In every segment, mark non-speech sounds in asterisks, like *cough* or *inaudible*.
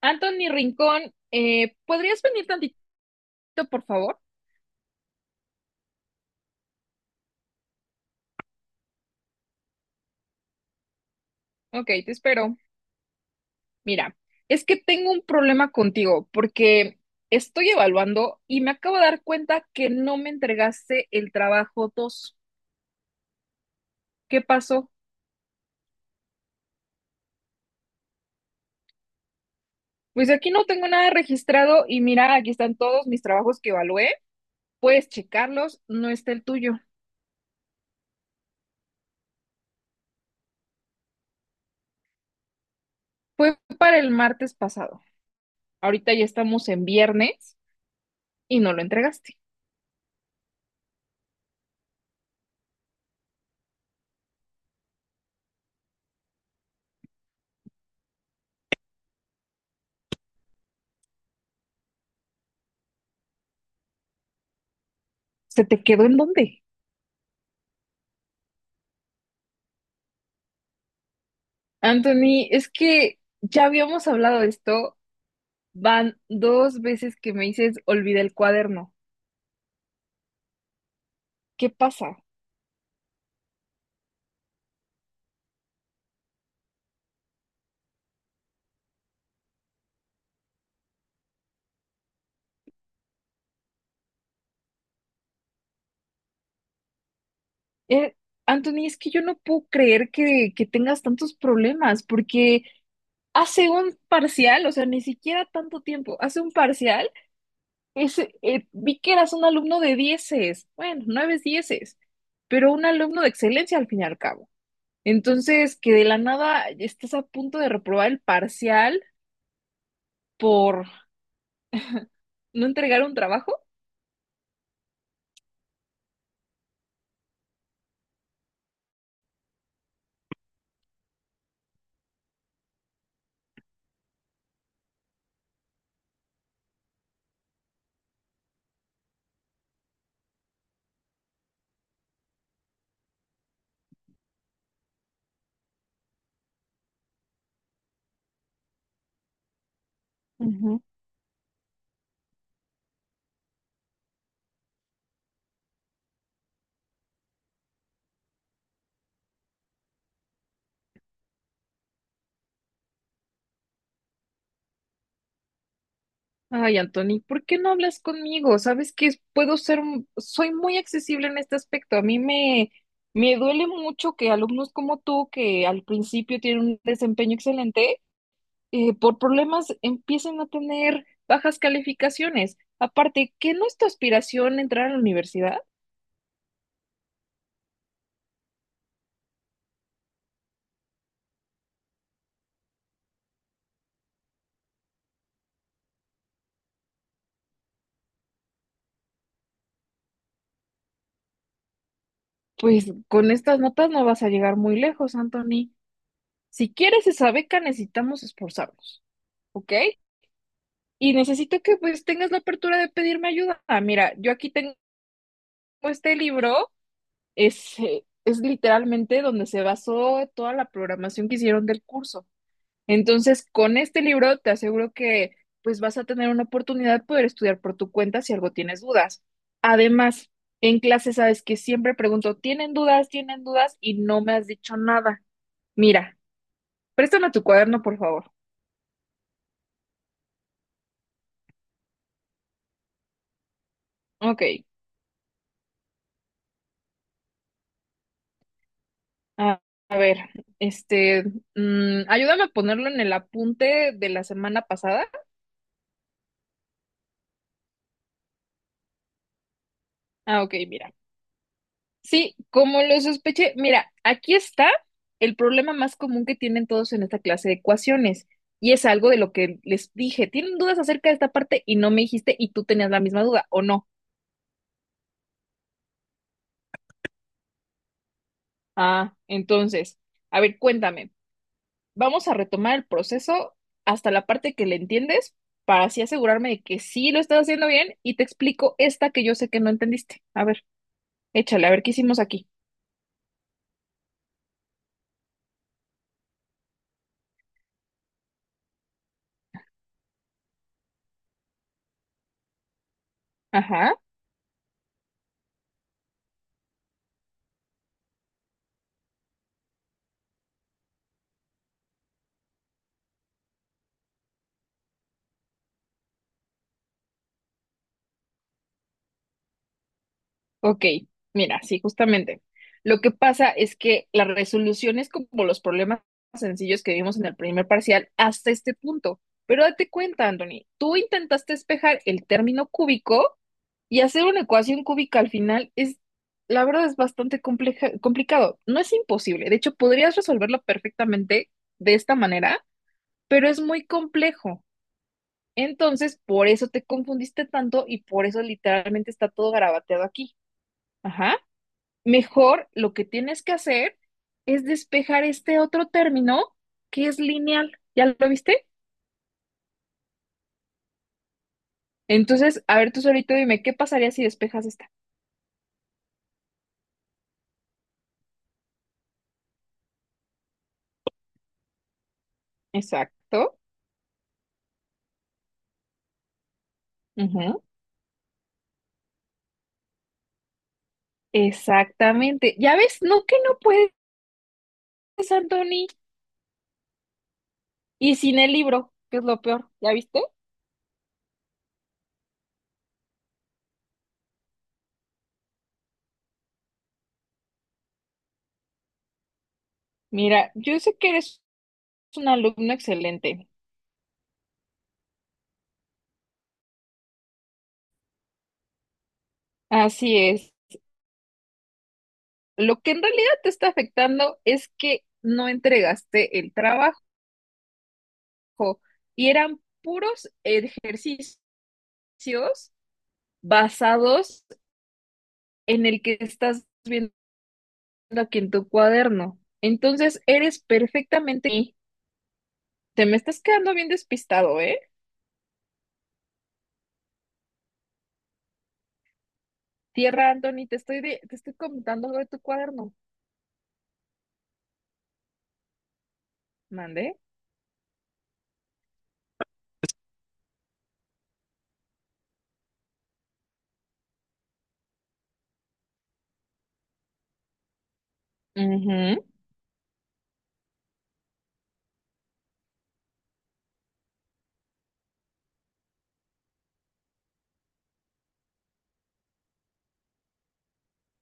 Anthony Rincón, ¿podrías venir tantito, por favor? Ok, te espero. Mira, es que tengo un problema contigo porque estoy evaluando y me acabo de dar cuenta que no me entregaste el trabajo 2. ¿Qué pasó? Pues aquí no tengo nada registrado y mira, aquí están todos mis trabajos que evalué. Puedes checarlos, no está el tuyo. Fue para el martes pasado. Ahorita ya estamos en viernes y no lo entregaste. ¿Se te quedó en dónde? Anthony, es que ya habíamos hablado de esto, van dos veces que me dices olvida el cuaderno. ¿Qué pasa? Eh, Anthony, es que yo no puedo creer que tengas tantos problemas, porque hace un parcial, o sea, ni siquiera tanto tiempo, hace un parcial, ese, vi que eras un alumno de dieces, bueno, nueve dieces, pero un alumno de excelencia al fin y al cabo. Entonces, que de la nada estés a punto de reprobar el parcial por no entregar un trabajo. Ujú. Ay, Anthony, ¿por qué no hablas conmigo? Sabes que puedo ser, soy muy accesible en este aspecto. Me duele mucho que alumnos como tú, que al principio tienen un desempeño excelente, por problemas empiecen a tener bajas calificaciones. Aparte, ¿qué no es tu aspiración entrar a la universidad? Pues con estas notas no vas a llegar muy lejos, Anthony. Si quieres esa beca, necesitamos esforzarnos, ¿ok? Y necesito que pues tengas la apertura de pedirme ayuda. Ah, mira, yo aquí tengo este libro, es literalmente donde se basó toda la programación que hicieron del curso. Entonces, con este libro te aseguro que pues vas a tener una oportunidad de poder estudiar por tu cuenta si algo tienes dudas. Además, en clase sabes que siempre pregunto, ¿tienen dudas? ¿Tienen dudas? Y no me has dicho nada. Mira, préstame tu cuaderno, por favor. Ok. A, a ver, este, ayúdame a ponerlo en el apunte de la semana pasada. Ah, ok, mira. Sí, como lo sospeché, mira, aquí está el problema más común que tienen todos en esta clase de ecuaciones. Y es algo de lo que les dije. ¿Tienen dudas acerca de esta parte y no me dijiste y tú tenías la misma duda o no? Ah, entonces, a ver, cuéntame. Vamos a retomar el proceso hasta la parte que le entiendes para así asegurarme de que sí lo estás haciendo bien y te explico esta que yo sé que no entendiste. A ver, échale, a ver qué hicimos aquí. Ajá. Ok, mira, sí, justamente. Lo que pasa es que las resoluciones como los problemas sencillos que vimos en el primer parcial hasta este punto. Pero date cuenta, Anthony, tú intentaste despejar el término cúbico y hacer una ecuación cúbica al final es, la verdad, es bastante complicado. No es imposible. De hecho, podrías resolverlo perfectamente de esta manera, pero es muy complejo. Entonces, por eso te confundiste tanto y por eso literalmente está todo garabateado aquí. Ajá. Mejor lo que tienes que hacer es despejar este otro término que es lineal. ¿Ya lo viste? Entonces, a ver, tú solito dime, ¿qué pasaría si despejas esta? Exacto. Ujú. Exactamente. ¿Ya ves? No que no puedes, Anthony. Y sin el libro, que es lo peor. ¿Ya viste? Mira, yo sé que eres un alumno excelente. Así es. Lo que en realidad te está afectando es que no entregaste el trabajo y eran puros ejercicios basados en el que estás viendo aquí en tu cuaderno. Entonces, eres perfectamente... Te me estás quedando bien despistado, ¿eh? Tierra, Anthony, te estoy comentando algo de tu cuaderno. Mande. Ujú.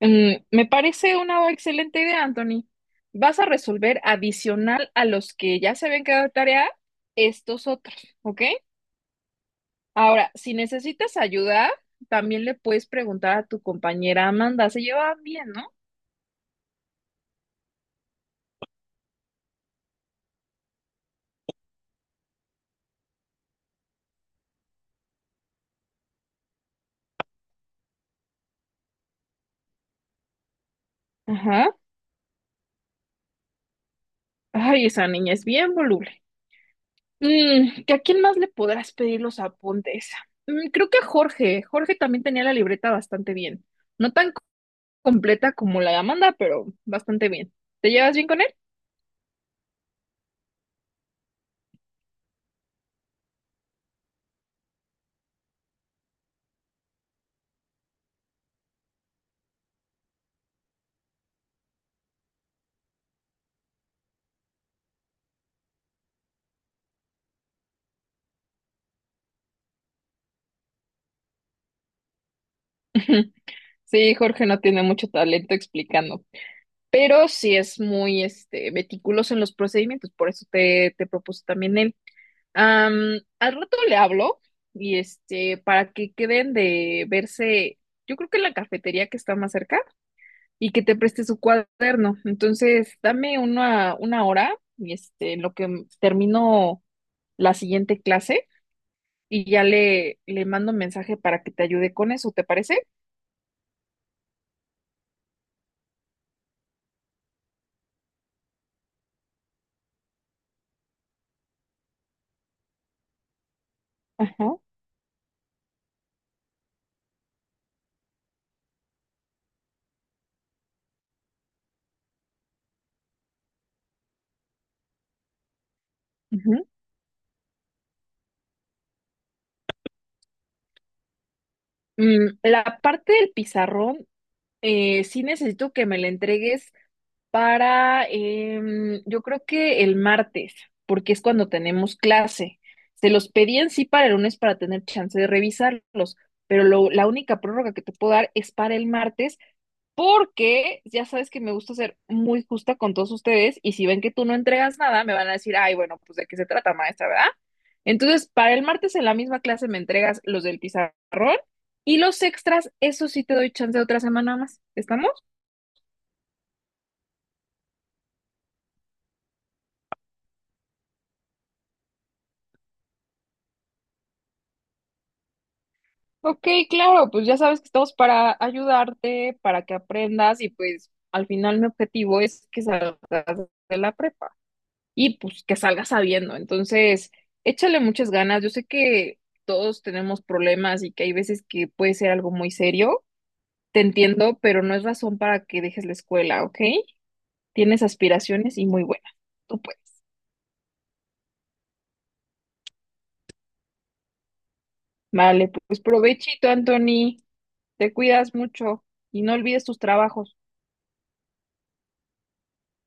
Mm, me parece una excelente idea, Anthony. Vas a resolver adicional a los que ya se habían quedado de tarea, estos otros, ¿ok? Ahora, si necesitas ayuda, también le puedes preguntar a tu compañera Amanda. Se llevaban bien, ¿no? Ajá. Ay, esa niña es bien voluble. Mm, ¿que a quién más le podrás pedir los apuntes? Mm, creo que a Jorge. Jorge también tenía la libreta bastante bien. No tan co- completa como la de Amanda, pero bastante bien. ¿Te llevas bien con él? *laughs* Sí, Jorge no tiene mucho talento explicando, pero sí es muy este, meticuloso en los procedimientos, por eso te propuso también él. Am, al rato le hablo y este, para que queden de verse, yo creo que en la cafetería que está más cerca, y que te preste su cuaderno. Entonces, dame una hora, y este, en lo que termino la siguiente clase, y ya le mando un mensaje para que te ayude con eso, ¿te parece? Ajá. Ujú. Mm, la parte del pizarrón, sí necesito que me la entregues para, yo creo que el martes, porque es cuando tenemos clase. Se los pedí en sí para el lunes para tener chance de revisarlos, pero la única prórroga que te puedo dar es para el martes. Porque ya sabes que me gusta ser muy justa con todos ustedes y si ven que tú no entregas nada, me van a decir, ay, bueno, pues de qué se trata, maestra, ¿verdad? Entonces, para el martes en la misma clase me entregas los del pizarrón y los extras, eso sí te doy chance de otra semana más. ¿Estamos? Ok, claro, pues ya sabes que estamos para ayudarte, para que aprendas y pues al final mi objetivo es que salgas de la prepa, y pues que salga sabiendo. Entonces, échale muchas ganas. Yo sé que todos tenemos problemas y que hay veces que puede ser algo muy serio. Te entiendo, pero no es razón para que dejes la escuela, ¿ok? Tienes aspiraciones y muy buenas. Tú puedes. Vale, pues provechito, Anthony. Te cuidas mucho y no olvides tus trabajos.